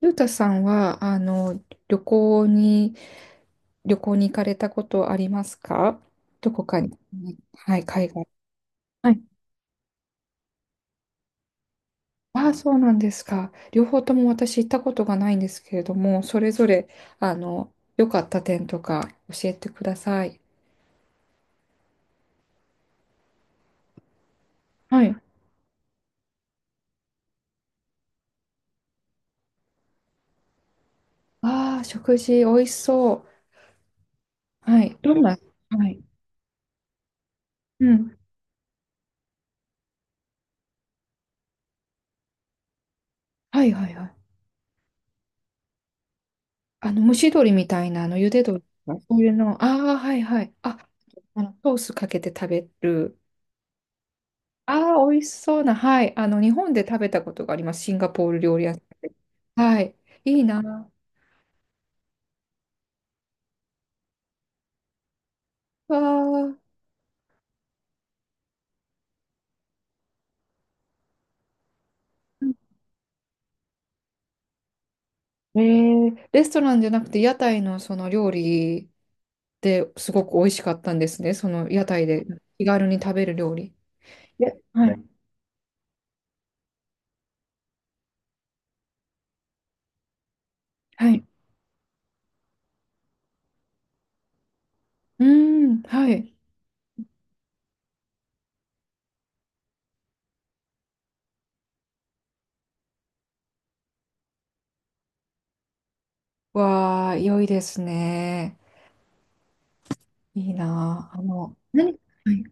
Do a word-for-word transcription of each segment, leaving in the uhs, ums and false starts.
ゆうたさんは、あの、旅行に、旅行に行かれたことありますか？どこかに。はい、海外。はい。ああ、そうなんですか。両方とも私行ったことがないんですけれども、それぞれ、あの、良かった点とか教えてください。はい。ああ、食事美味しそう。はい。どんな、はい。うん。はいはいはい。あの、蒸し鶏みたいな、あの、茹で鶏とか。そういうの。ああ、はいはい。あ、あの、ソースかけて食べる。ああ、美味しそうな。はい。あの、日本で食べたことがあります。シンガポール料理屋さんで。はい。いいな。わあ。えー、レストランじゃなくて、屋台のその料理ですごく美味しかったんですね。その屋台で気軽に食べる料理。ではい。はい。うーん。はい。わあ、良いですね。いいなあ。あの、何はい。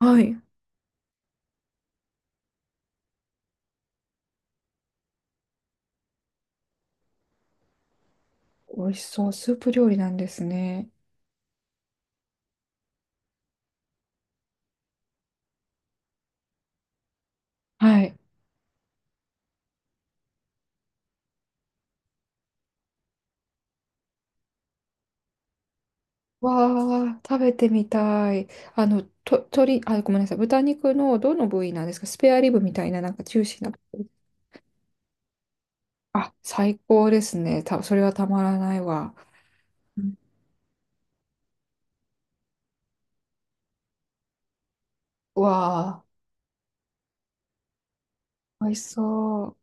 はい。美味しそう。スープ料理なんですね。はい。わあ、食べてみたい。あの、と、鶏、あ、ごめんなさい。豚肉のどの部位なんですか？スペアリブみたいな、なんかジューシーな部位。あ、最高ですね。た、それはたまらないわ。うん。うわあ、美味しそう。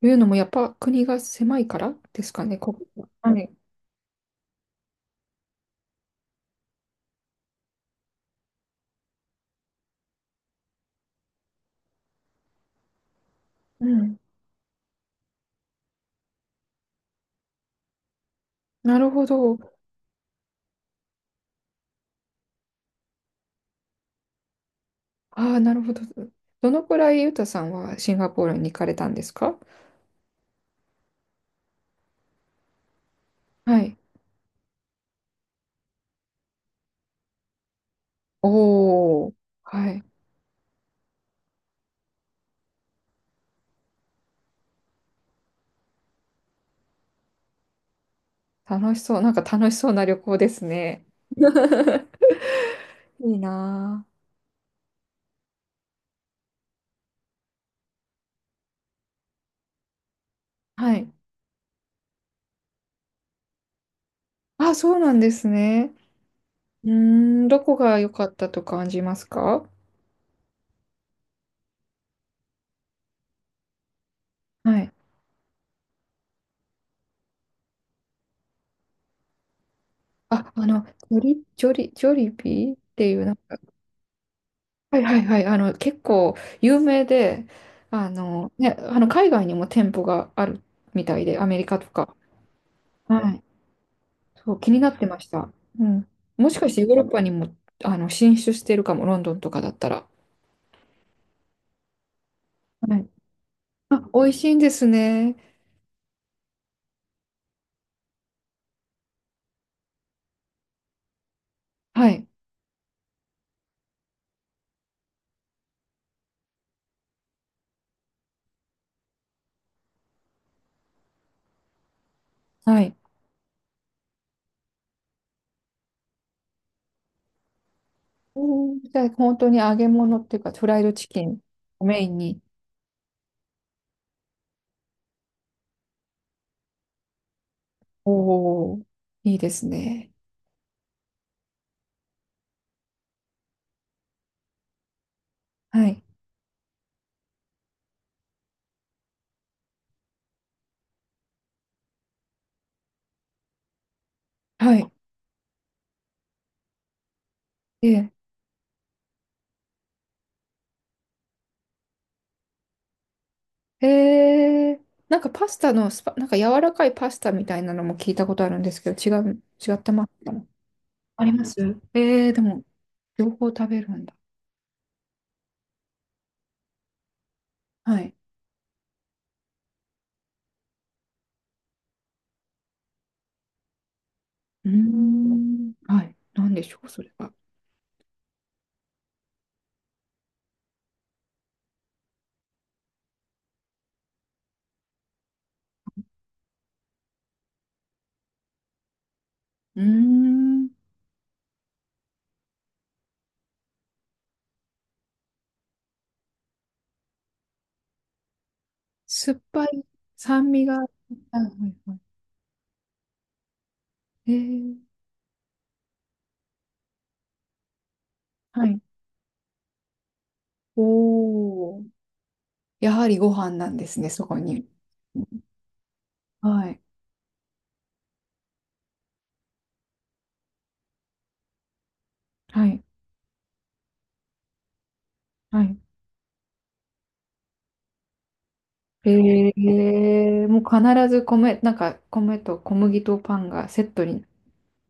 というのも、やっぱ国が狭いからですかね、ここは。はい。うん。なるほど。ああ、なるほど。どのくらいユタさんはシンガポールに行かれたんですか？はい。おお。はい。楽しそう。なんか楽しそうな旅行ですね。いいなあ。はい。あ、そうなんですね。うーん、どこが良かったと感じますか？はい。あ、あの、ジョリ、ジョリ、ジョリビーっていう、なんか、はいはいはい、あの、結構有名で、あの、ね、あの、海外にも店舗があるみたいで、アメリカとか。はい。そう、気になってました。うん。もしかしてヨーロッパにも、あの、進出してるかも、ロンドンとかだったら。はい。あ、美味しいんですね。はい。はい。うん。じゃあ、本当に揚げ物っていうか、フライドチキンをメインに。おお、いいですね。はい。はい。え。ええー、なんかパスタのスパ、なんか柔らかいパスタみたいなのも聞いたことあるんですけど、違う、違ったましたも、あります。ええ、でも、両方食べるんだ。はい。うーん。はい。なんでしょう、それは。うーん。酸っぱい、酸味が。はいはいはい。ええ。はい。おお。やはりご飯なんですね、そこに。はい。はい。はい。えー、もう必ず米、なんか米と小麦とパンがセットに、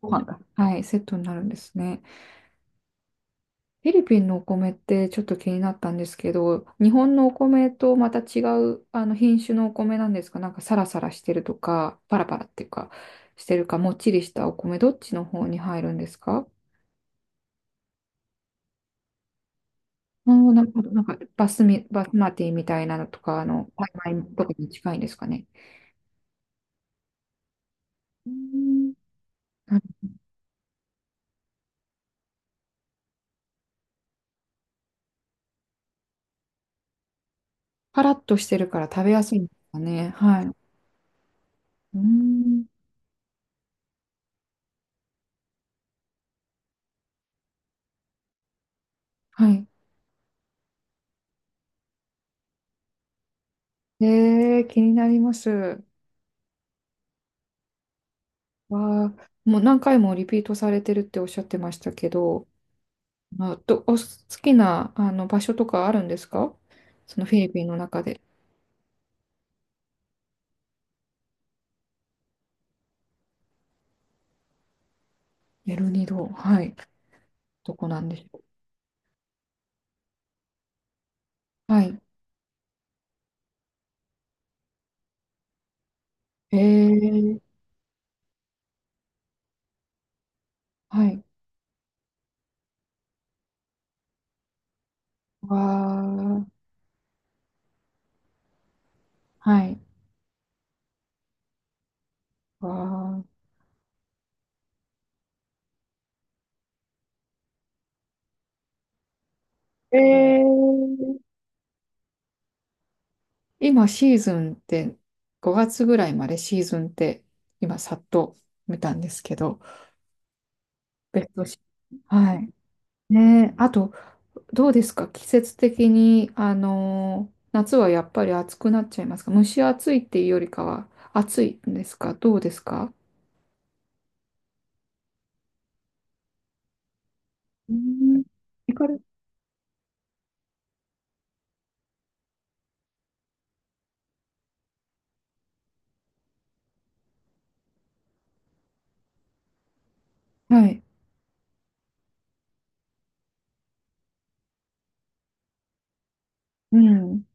ご飯が。はい、セットになるんですね。フィリピンのお米ってちょっと気になったんですけど、日本のお米とまた違うあの品種のお米なんですか？なんかサラサラしてるとか、パラパラっていうか、してるか、もっちりしたお米、どっちの方に入るんですか？おー、なるほど。なんか、バスミバスマティみたいなのとか、あの、タイ米とかに近いんですかね。うーん。なんかパラッとしてるから食べやすいんですかね。はい。うーん。はい。えー、気になります。わあ、もう何回もリピートされてるっておっしゃってましたけど、あ、ど、お好きなあの場所とかあるんですか？そのフィリピンの中で。エルニド、はい。どこなんでしょう。はい。えー、はい。わあ、はい。わあ。えー、今シーズンってごがつぐらいまでシーズンって今さっと見たんですけど、ベストシーズンはい。ねえ、あとどうですか？季節的に、あのー夏はやっぱり暑くなっちゃいますか？蒸し暑いっていうよりかは暑いんですか？どうですか？うん。行かれ、はい。うん。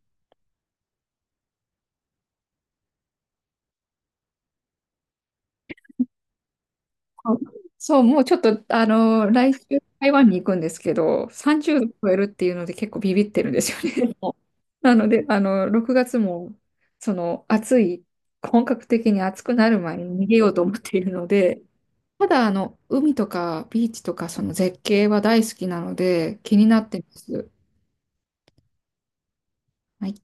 あそう、もうちょっと、あの、来週台湾に行くんですけど、さんじゅうど超えるっていうので結構ビビってるんですよね。もうなので、あの、ろくがつも、その、暑い、本格的に暑くなる前に逃げようと思っているので、ただ、あの、海とかビーチとか、その絶景は大好きなので、気になってます。はい